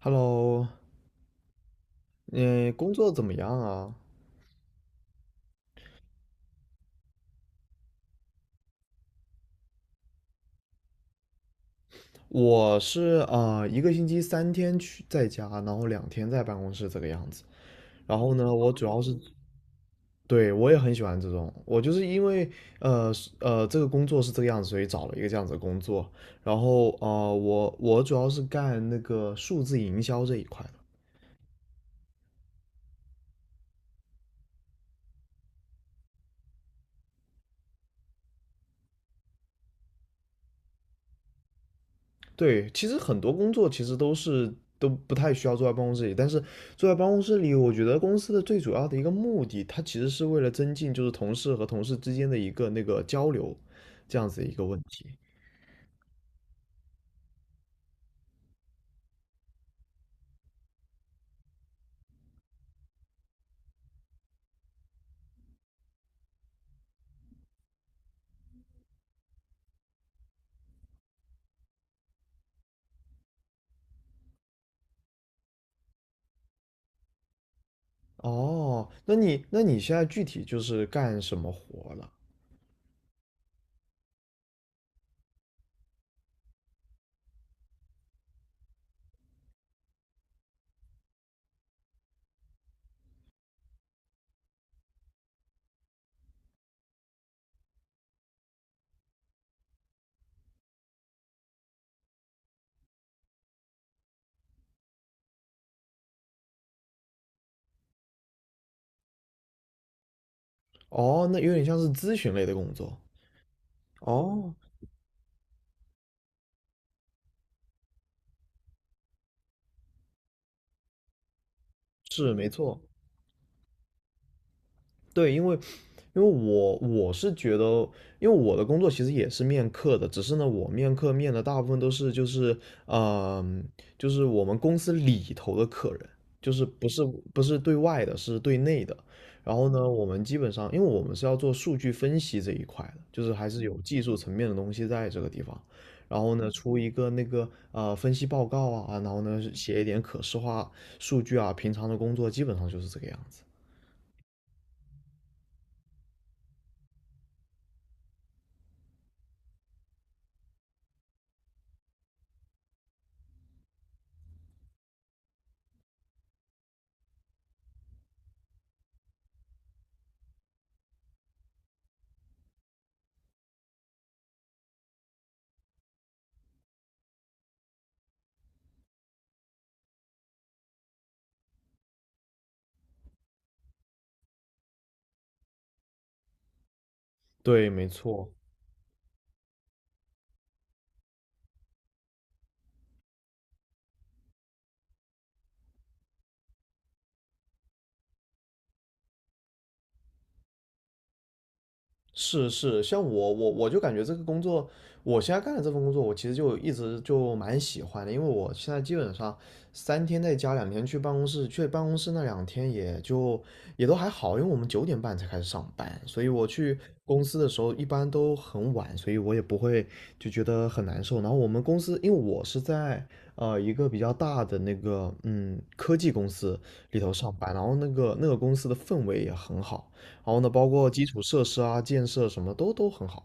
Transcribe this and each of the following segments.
Hello，嗯，工作怎么样啊？我是1个星期三天去在家，然后两天在办公室这个样子。然后呢，我主要是，对，我也很喜欢这种。我就是因为是这个工作是这个样子，所以找了一个这样子的工作。然后我主要是干那个数字营销这一块的。对，其实很多工作其实都不太需要坐在办公室里，但是坐在办公室里，我觉得公司的最主要的一个目的，它其实是为了增进就是同事和同事之间的一个那个交流，这样子一个问题。哦，那你现在具体就是干什么活了？哦，那有点像是咨询类的工作。哦，是没错。对，因为我是觉得，因为我的工作其实也是面客的，只是呢，我面客面的大部分都是就是嗯、就是我们公司里头的客人，就是不是对外的，是对内的。然后呢，我们基本上，因为我们是要做数据分析这一块的，就是还是有技术层面的东西在这个地方。然后呢，出一个那个分析报告啊，然后呢写一点可视化数据啊，平常的工作基本上就是这个样子。对，没错。是是，像我就感觉这个工作，我现在干的这份工作，我其实就一直就蛮喜欢的，因为我现在基本上三天在家，两天去办公室，去办公室那两天也就也都还好，因为我们9点半才开始上班，所以我去公司的时候一般都很晚，所以我也不会就觉得很难受。然后我们公司，因为我是在一个比较大的那个科技公司里头上班，然后那个公司的氛围也很好。然后呢，包括基础设施啊、建设什么都很好。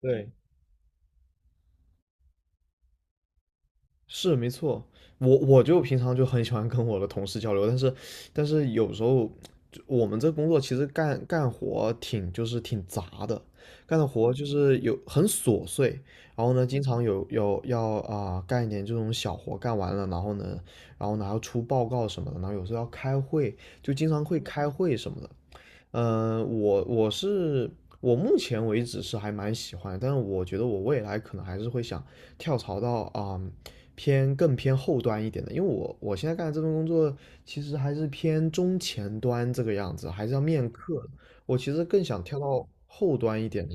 对，是没错，我就平常就很喜欢跟我的同事交流，但是有时候就我们这工作其实干活挺就是挺杂的，干的活就是有很琐碎，然后呢，经常有要啊、干一点这种小活干完了，然后呢，还要出报告什么的，然后有时候要开会，就经常会开会什么的，嗯，我我是我目前为止是还蛮喜欢，但是我觉得我未来可能还是会想跳槽到更偏后端一点的，因为我现在干的这份工作其实还是偏中前端这个样子，还是要面客，我其实更想跳到后端一点的。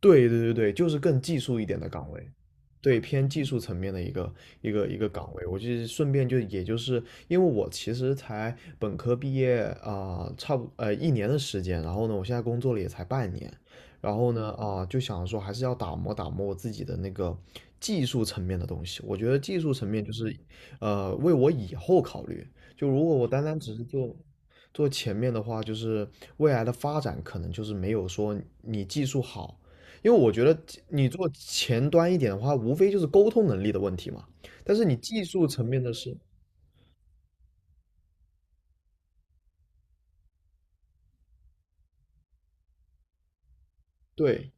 对对对对，就是更技术一点的岗位，对，偏技术层面的一个岗位。我就是顺便就也就是因为我其实才本科毕业啊、差不1年的时间，然后呢，我现在工作了也才半年，然后呢就想说还是要打磨打磨我自己的那个技术层面的东西。我觉得技术层面就是为我以后考虑，就如果我单单只是做。做前面的话，就是未来的发展可能就是没有说你技术好，因为我觉得你做前端一点的话，无非就是沟通能力的问题嘛。但是你技术层面的是，对，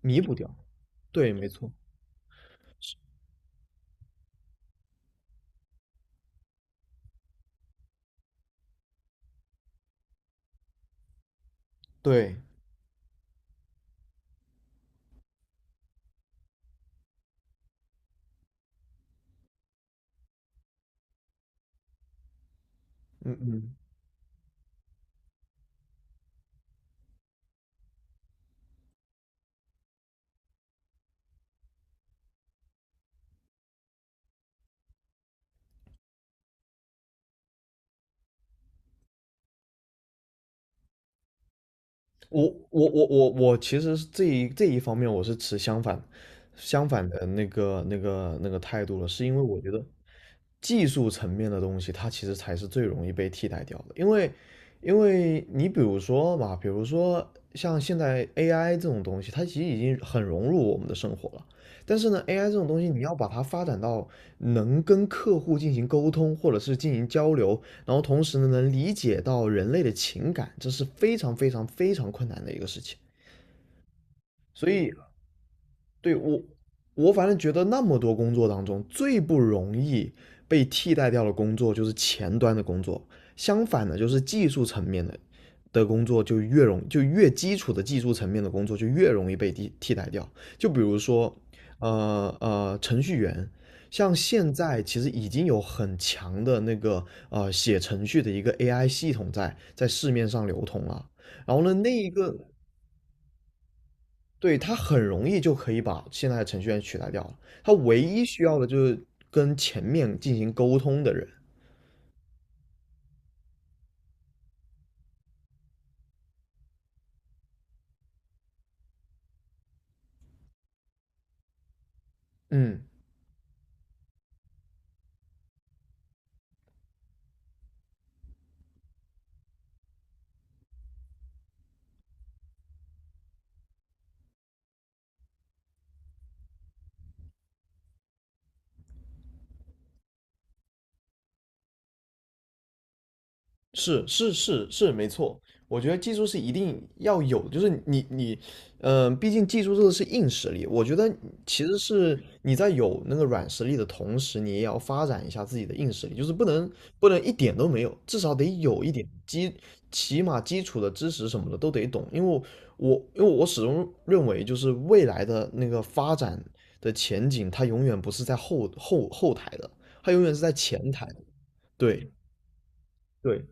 弥补掉，对，没错，对，嗯嗯，我我其实是这一方面我是持相反的那个态度了，是因为我觉得技术层面的东西，它其实才是最容易被替代掉的，因为你比如说嘛，比如说像现在 AI 这种东西，它其实已经很融入我们的生活了。但是呢，AI 这种东西，你要把它发展到能跟客户进行沟通，或者是进行交流，然后同时呢，能理解到人类的情感，这是非常非常非常困难的一个事情。所以对我，我反正觉得那么多工作当中，最不容易被替代掉的工作就是前端的工作，相反的，就是技术层面的工作就越容就越基础的技术层面的工作就越容易被替代掉。就比如说，程序员，像现在其实已经有很强的那个写程序的一个 AI 系统在市面上流通了。然后呢，那一个对，他很容易就可以把现在的程序员取代掉了。他唯一需要的就是跟前面进行沟通的人。嗯，是是是是，没错。我觉得技术是一定要有就是你，毕竟技术这个是硬实力。我觉得其实是你在有那个软实力的同时，你也要发展一下自己的硬实力，就是不能一点都没有，至少得有一点起码基础的知识什么的都得懂。因为我始终认为，就是未来的那个发展的前景，它永远不是在后台的，它永远是在前台的对对，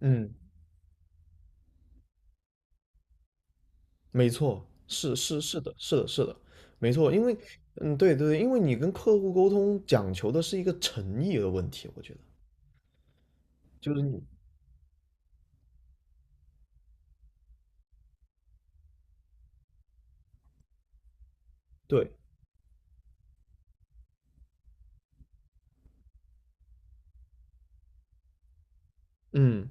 嗯。没错，是是是的，是的，是的，没错，因为，嗯，对对对，因为你跟客户沟通讲求的是一个诚意的问题，我觉得就是你对，嗯，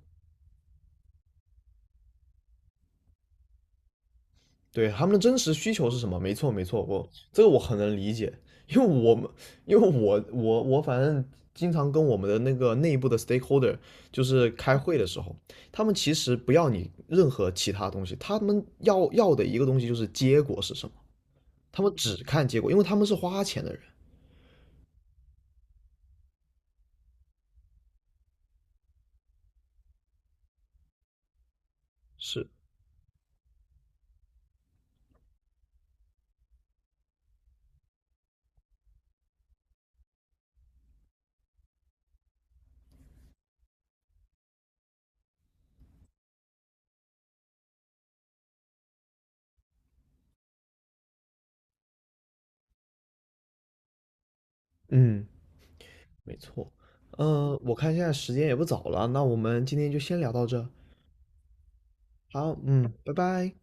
对，他们的真实需求是什么？没错，没错，我这个我很能理解，因为我们，因为我反正经常跟我们的那个内部的 stakeholder 就是开会的时候，他们其实不要你任何其他东西，他们要的一个东西就是结果是什么，他们只看结果，因为他们是花钱的人。是，嗯，没错，我看现在时间也不早了，那我们今天就先聊到这。好，嗯，拜拜。